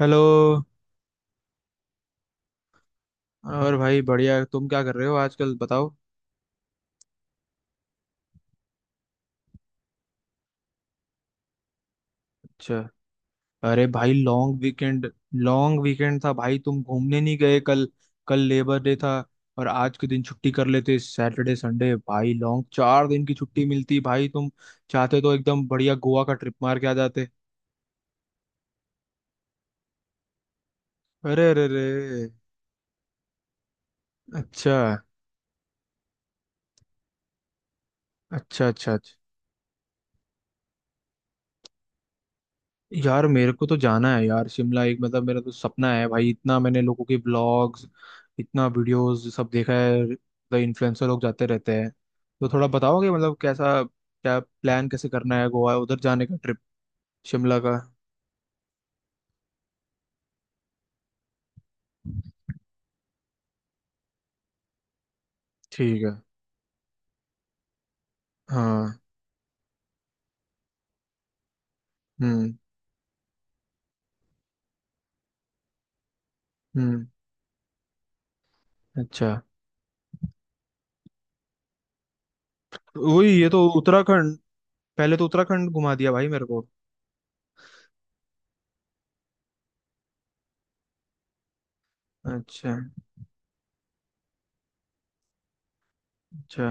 Hello. और भाई बढ़िया, तुम क्या कर रहे हो आजकल बताओ? अच्छा। अरे भाई लॉन्ग वीकेंड। लॉन्ग वीकेंड था भाई, तुम घूमने नहीं गए कल? कल लेबर डे था। और आज के दिन छुट्टी कर लेते, सैटरडे संडे, भाई लॉन्ग 4 दिन की छुट्टी मिलती, भाई तुम चाहते तो एकदम बढ़िया गोवा का ट्रिप मार के आ जाते। अरे अरे अरे। अच्छा अच्छा अच्छा। अच्छा। यार मेरे को तो जाना है यार शिमला, एक मतलब मेरा तो सपना है भाई, इतना मैंने लोगों के ब्लॉग्स, इतना वीडियोस सब देखा है, मतलब इन्फ्लुएंसर लोग जाते रहते हैं। तो थोड़ा बताओगे, मतलब कैसा, क्या प्लान, कैसे करना है गोवा उधर जाने का ट्रिप, शिमला का? ठीक है। हाँ। हम्म। हम्म। अच्छा। वही, ये तो उत्तराखंड, पहले तो उत्तराखंड घुमा दिया भाई मेरे को। अच्छा अच्छा।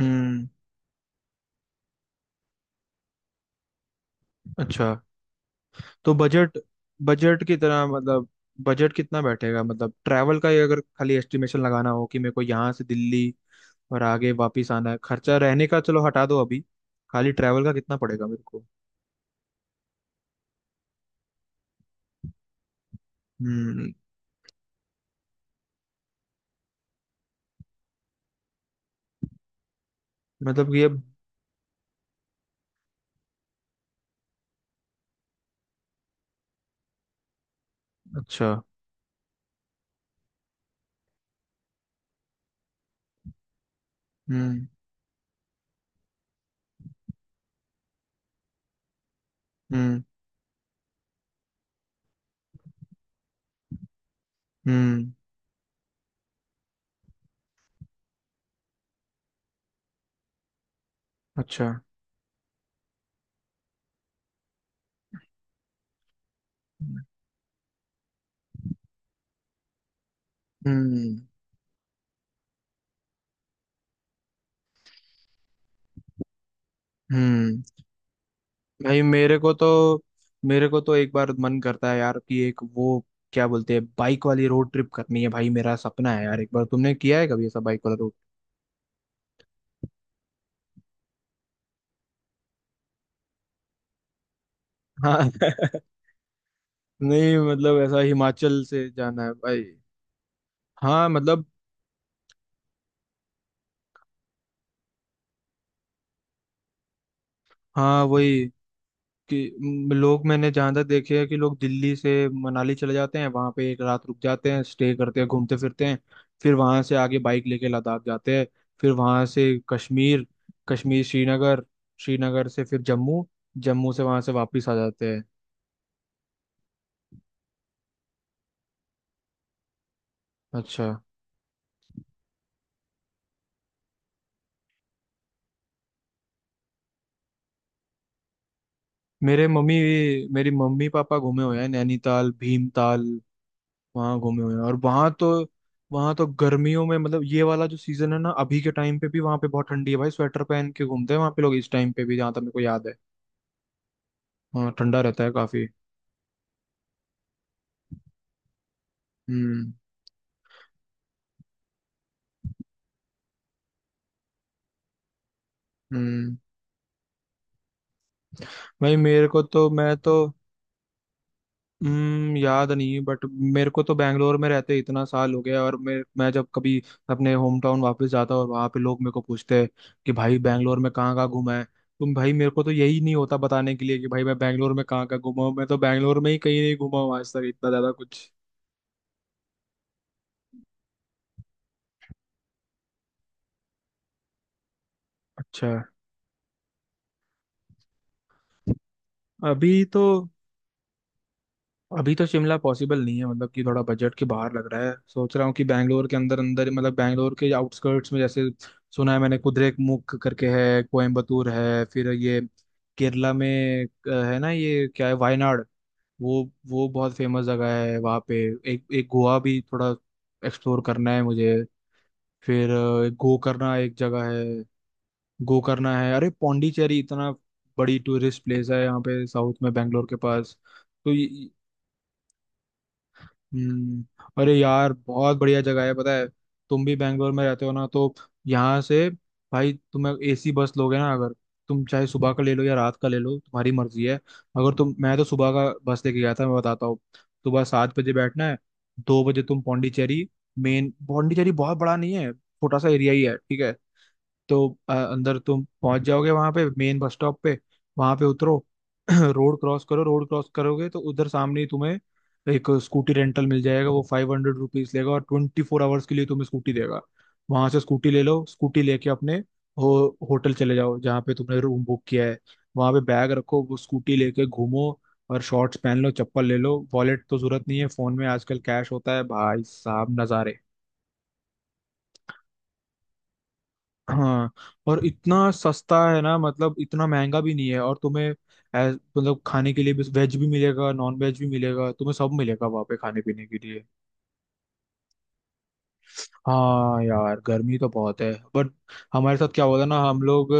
हम्म। अच्छा। तो बजट बजट की तरह मतलब, बजट कितना बैठेगा, मतलब ट्रैवल का ही अगर खाली एस्टिमेशन लगाना हो कि मेरे को यहाँ से दिल्ली और आगे वापस आना है, खर्चा रहने का चलो हटा दो अभी, खाली ट्रैवल का कितना पड़ेगा मेरे को? हम्म। मतलब ये। अच्छा। हम्म। हम्म। हम्म। अच्छा। हम्म। हम्म। भाई मेरे को तो एक बार मन करता है यार, कि एक वो क्या बोलते हैं, बाइक वाली रोड ट्रिप करनी है भाई, मेरा सपना है यार, एक बार तुमने किया है कभी ऐसा बाइक वाला? हाँ नहीं मतलब ऐसा हिमाचल से जाना है भाई। हाँ मतलब। हाँ वही। लोग, मैंने जहाँ तक देखे हैं कि लोग दिल्ली से मनाली चले जाते हैं, वहाँ पे एक रात रुक जाते हैं, स्टे करते हैं, घूमते फिरते हैं। फिर वहाँ से आगे बाइक लेके लद्दाख जाते हैं। फिर वहाँ से कश्मीर, कश्मीर श्रीनगर, श्रीनगर से फिर जम्मू, जम्मू से वहाँ से वापस आ जाते हैं। अच्छा। मेरे मम्मी मेरी मम्मी पापा घूमे हुए हैं नैनीताल भीमताल, वहां घूमे हुए हैं, और वहां तो, वहां तो गर्मियों में, मतलब ये वाला जो सीजन है ना, अभी के टाइम पे भी वहां पे बहुत ठंडी है भाई, स्वेटर पहन के घूमते हैं वहां पे लोग इस टाइम पे भी, जहां तक मेरे को याद है। हाँ ठंडा रहता है काफी। हम्म। हम्म। भाई मेरे को तो, मैं तो, हम्म, याद नहीं बट मेरे को तो बैंगलोर में रहते इतना साल हो गया, और मैं जब कभी अपने होम टाउन वापस जाता और वहाँ पे लोग मेरे को पूछते हैं कि भाई बैंगलोर में कहाँ कहाँ घूमा है तुम, भाई मेरे को तो यही नहीं होता बताने के लिए कि भाई मैं बैंगलोर में कहाँ कहाँ घूमा हूँ, मैं तो बैंगलोर में ही कहीं नहीं घूमा हूँ आज तक इतना ज्यादा कुछ। अच्छा। अभी तो अभी तो शिमला पॉसिबल नहीं है, मतलब कि थोड़ा बजट के बाहर लग रहा है, सोच रहा हूँ कि बैंगलोर के अंदर अंदर, मतलब बैंगलोर के आउटस्कर्ट्स में, जैसे सुना है मैंने, कुद्रेमुख करके है, कोयम्बतूर है, फिर ये केरला में है ना, ये क्या है, वायनाड, वो वो बहुत फेमस जगह है वहाँ पे। एक एक गोवा भी थोड़ा एक्सप्लोर करना है मुझे। फिर गोकर्णा एक जगह है, गोकर्णा है, अरे पौंडीचेरी इतना बड़ी टूरिस्ट प्लेस है यहाँ पे साउथ में बैंगलोर के पास। तो। हम्म। अरे यार बहुत बढ़िया जगह है पता है, तुम भी बैंगलोर में रहते हो ना, तो यहाँ से भाई तुम्हें एसी बस लोगे ना, अगर तुम चाहे सुबह का ले लो या रात का ले लो, तुम्हारी मर्जी है, अगर तुम, मैं तो सुबह का बस लेके गया था, मैं बताता हूँ। सुबह 7 बजे बैठना है, 2 बजे तुम पौंडीचेरी। मेन पौंडीचेरी बहुत बड़ा नहीं है, छोटा सा एरिया ही है ठीक है। तो अंदर तुम पहुंच जाओगे वहां पे मेन बस स्टॉप पे, वहां पे उतरो रोड क्रॉस करो, रोड क्रॉस करोगे तो उधर सामने ही तुम्हें एक स्कूटी रेंटल मिल जाएगा, वो ₹500 लेगा और 24 आवर्स के लिए तुम्हें स्कूटी देगा। वहां से स्कूटी ले लो, स्कूटी लेके अपने होटल चले जाओ जहाँ पे तुमने रूम बुक किया है, वहां पे बैग रखो, वो स्कूटी लेके घूमो, और शॉर्ट्स पहन लो, चप्पल ले लो, वॉलेट तो जरूरत नहीं है, फोन में आजकल कैश होता है, भाई साहब नजारे। हाँ। और इतना सस्ता है ना, मतलब इतना महंगा भी नहीं है, और तुम्हें, ऐ- मतलब खाने के लिए भी वेज भी मिलेगा, नॉन वेज भी मिलेगा, तुम्हें सब मिलेगा वहाँ पे खाने पीने के लिए। हाँ यार गर्मी तो बहुत है बट, हमारे साथ क्या हुआ था ना, हम लोग,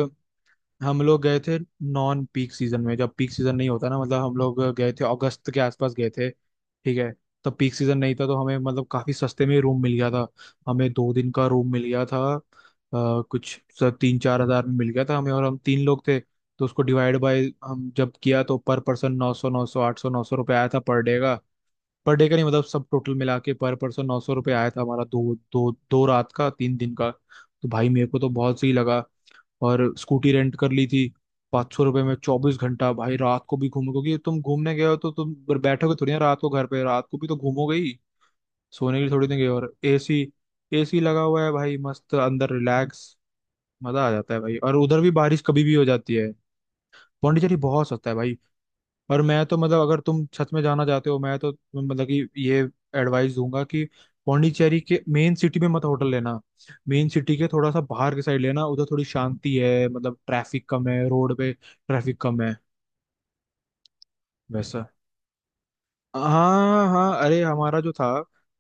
गए थे नॉन पीक सीजन में, जब पीक सीजन नहीं होता ना, मतलब हम लोग गए थे अगस्त के आसपास, गए थे ठीक है। तब पीक सीजन नहीं था तो हमें मतलब काफी सस्ते में रूम मिल गया था। हमें 2 दिन का रूम मिल गया था, कुछ 3-4 हज़ार में मिल गया था हमें, और हम तीन लोग थे। तो उसको डिवाइड बाय हम जब किया, तो पर पर्सन, 900, 900, 800, 900 रुपये आया था पर डे का, पर डे का नहीं, मतलब सब टोटल मिला के पर पर्सन 900 रुपये आया था हमारा, दो दो 2 रात का, 3 दिन का, तो भाई मेरे को तो बहुत सही लगा। और स्कूटी रेंट कर ली थी, 500 रुपये में 24 घंटा, भाई रात को भी घूमो, क्योंकि तुम घूमने गए हो तो तुम बैठोगे थोड़ी ना रात को घर पे, रात को भी तो घूमोगे ही, सोने के लिए थोड़ी ना गए हो। और एसी एसी लगा हुआ है भाई, मस्त अंदर रिलैक्स, मजा आ जाता है भाई, और उधर भी बारिश कभी भी हो जाती है। पौंडीचेरी बहुत सस्ता है भाई। और मैं तो मतलब, अगर तुम सच में जाना चाहते हो, मैं तो मतलब कि ये एडवाइस दूंगा कि पौंडीचेरी के मेन सिटी में मत होटल लेना, मेन सिटी के थोड़ा सा बाहर के साइड लेना, उधर थोड़ी शांति है, मतलब ट्रैफिक कम है, रोड पे ट्रैफिक कम है। वैसा, हाँ हाँ, अरे हमारा जो था,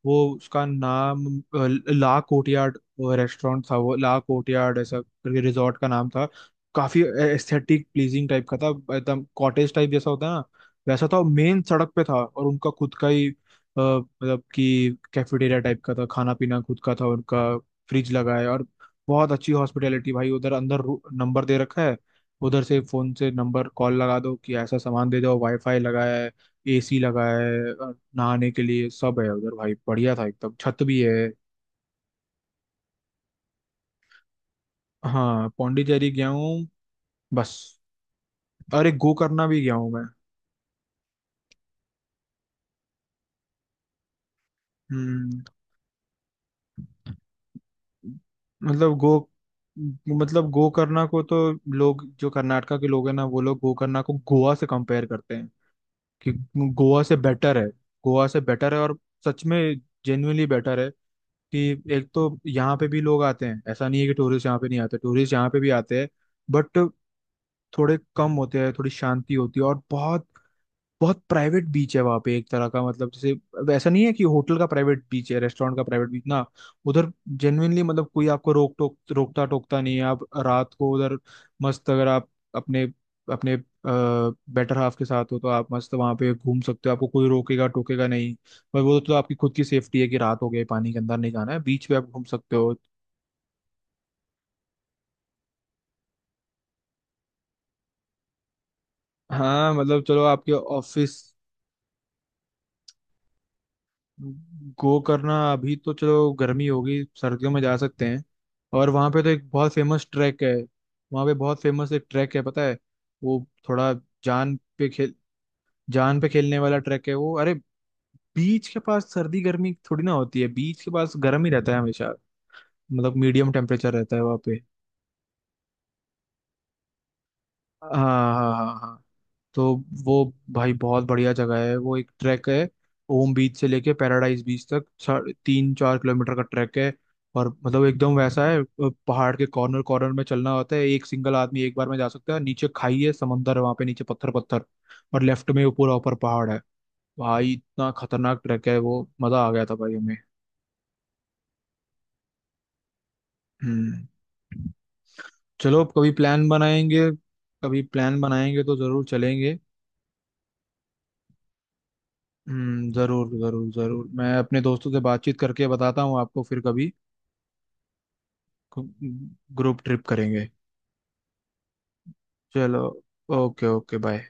वो उसका नाम, अ, ला कोर्टयार्ड, रेस्टोरेंट था, वो ला कोर्टयार्ड ऐसा करके रिजॉर्ट का नाम था। काफी एस्थेटिक प्लीजिंग टाइप का था, एकदम कॉटेज टाइप जैसा होता है ना, वैसा था, मेन सड़क पे था, और उनका खुद का ही, मतलब कि कैफेटेरिया टाइप का था, खाना पीना खुद का था उनका, फ्रिज लगा है, और बहुत अच्छी हॉस्पिटैलिटी भाई, उधर अंदर नंबर दे रखा है, उधर से फोन से नंबर कॉल लगा दो कि ऐसा सामान दे दो, वाईफाई लगाया है, एसी लगा है, और नहाने के लिए सब है उधर, भाई बढ़िया था एकदम, छत भी है। हाँ पौंडीचेरी गया हूँ बस। अरे गो करना भी गया हूँ मैं। हम्म। मतलब गो मतलब गोकर्णा को तो, लोग जो कर्नाटका के लोग हैं ना, वो लोग गोकर्णा को गोवा से कंपेयर करते हैं, कि गोवा से बेटर है। गोवा से बेटर है, और सच में जेन्युइनली बेटर है कि, एक तो यहाँ पे भी लोग आते हैं, ऐसा नहीं है कि टूरिस्ट यहाँ पे नहीं आते, टूरिस्ट यहाँ पे भी आते हैं बट थोड़े कम होते हैं, थोड़ी शांति होती है, और बहुत बहुत प्राइवेट बीच है वहाँ पे एक तरह का, मतलब जैसे ऐसा नहीं है कि होटल का प्राइवेट बीच है, रेस्टोरेंट का प्राइवेट बीच ना, उधर जेन्युइनली, मतलब कोई आपको रोक टोक रोकता टोकता नहीं है, आप रात को उधर मस्त, अगर आप अपने अपने बेटर हाफ के साथ हो तो आप मस्त वहाँ पे घूम सकते हो, आपको कोई रोकेगा टोकेगा नहीं, पर वो तो आपकी खुद की सेफ्टी है, कि रात हो गई पानी के अंदर नहीं जाना है, बीच पे आप घूम सकते हो। हाँ मतलब चलो आपके ऑफिस। गो करना, अभी तो चलो गर्मी होगी, सर्दियों में जा सकते हैं। और वहाँ पे तो एक बहुत फेमस ट्रैक है, वहाँ पे बहुत फेमस एक ट्रैक है पता है, वो थोड़ा, जान पे खेल जान पे खेलने वाला ट्रैक है वो, अरे बीच के पास सर्दी गर्मी थोड़ी ना होती है, बीच के पास गर्म ही रहता है हमेशा, मतलब मीडियम टेम्परेचर रहता है वहाँ पे। हाँ हाँ हाँ, हाँ। तो वो, भाई बहुत बढ़िया जगह है, वो एक ट्रैक है, ओम बीच से लेके पैराडाइज बीच तक 3-4 किलोमीटर का ट्रैक है, और मतलब एकदम वैसा है, पहाड़ के कॉर्नर कॉर्नर में चलना होता है, एक सिंगल आदमी एक बार में जा सकता है, नीचे खाई है, समंदर है वहाँ पे नीचे, पत्थर पत्थर, और लेफ्ट में वो पूरा ऊपर पहाड़ है, भाई इतना खतरनाक ट्रैक है वो, मजा आ गया था भाई हमें। हम्म। चलो कभी प्लान बनाएंगे, कभी प्लान बनाएंगे तो जरूर चलेंगे। जरूर जरूर जरूर, मैं अपने दोस्तों से बातचीत करके बताता हूँ आपको फिर कभी। ग्रुप ट्रिप करेंगे। चलो। Okay okay bye.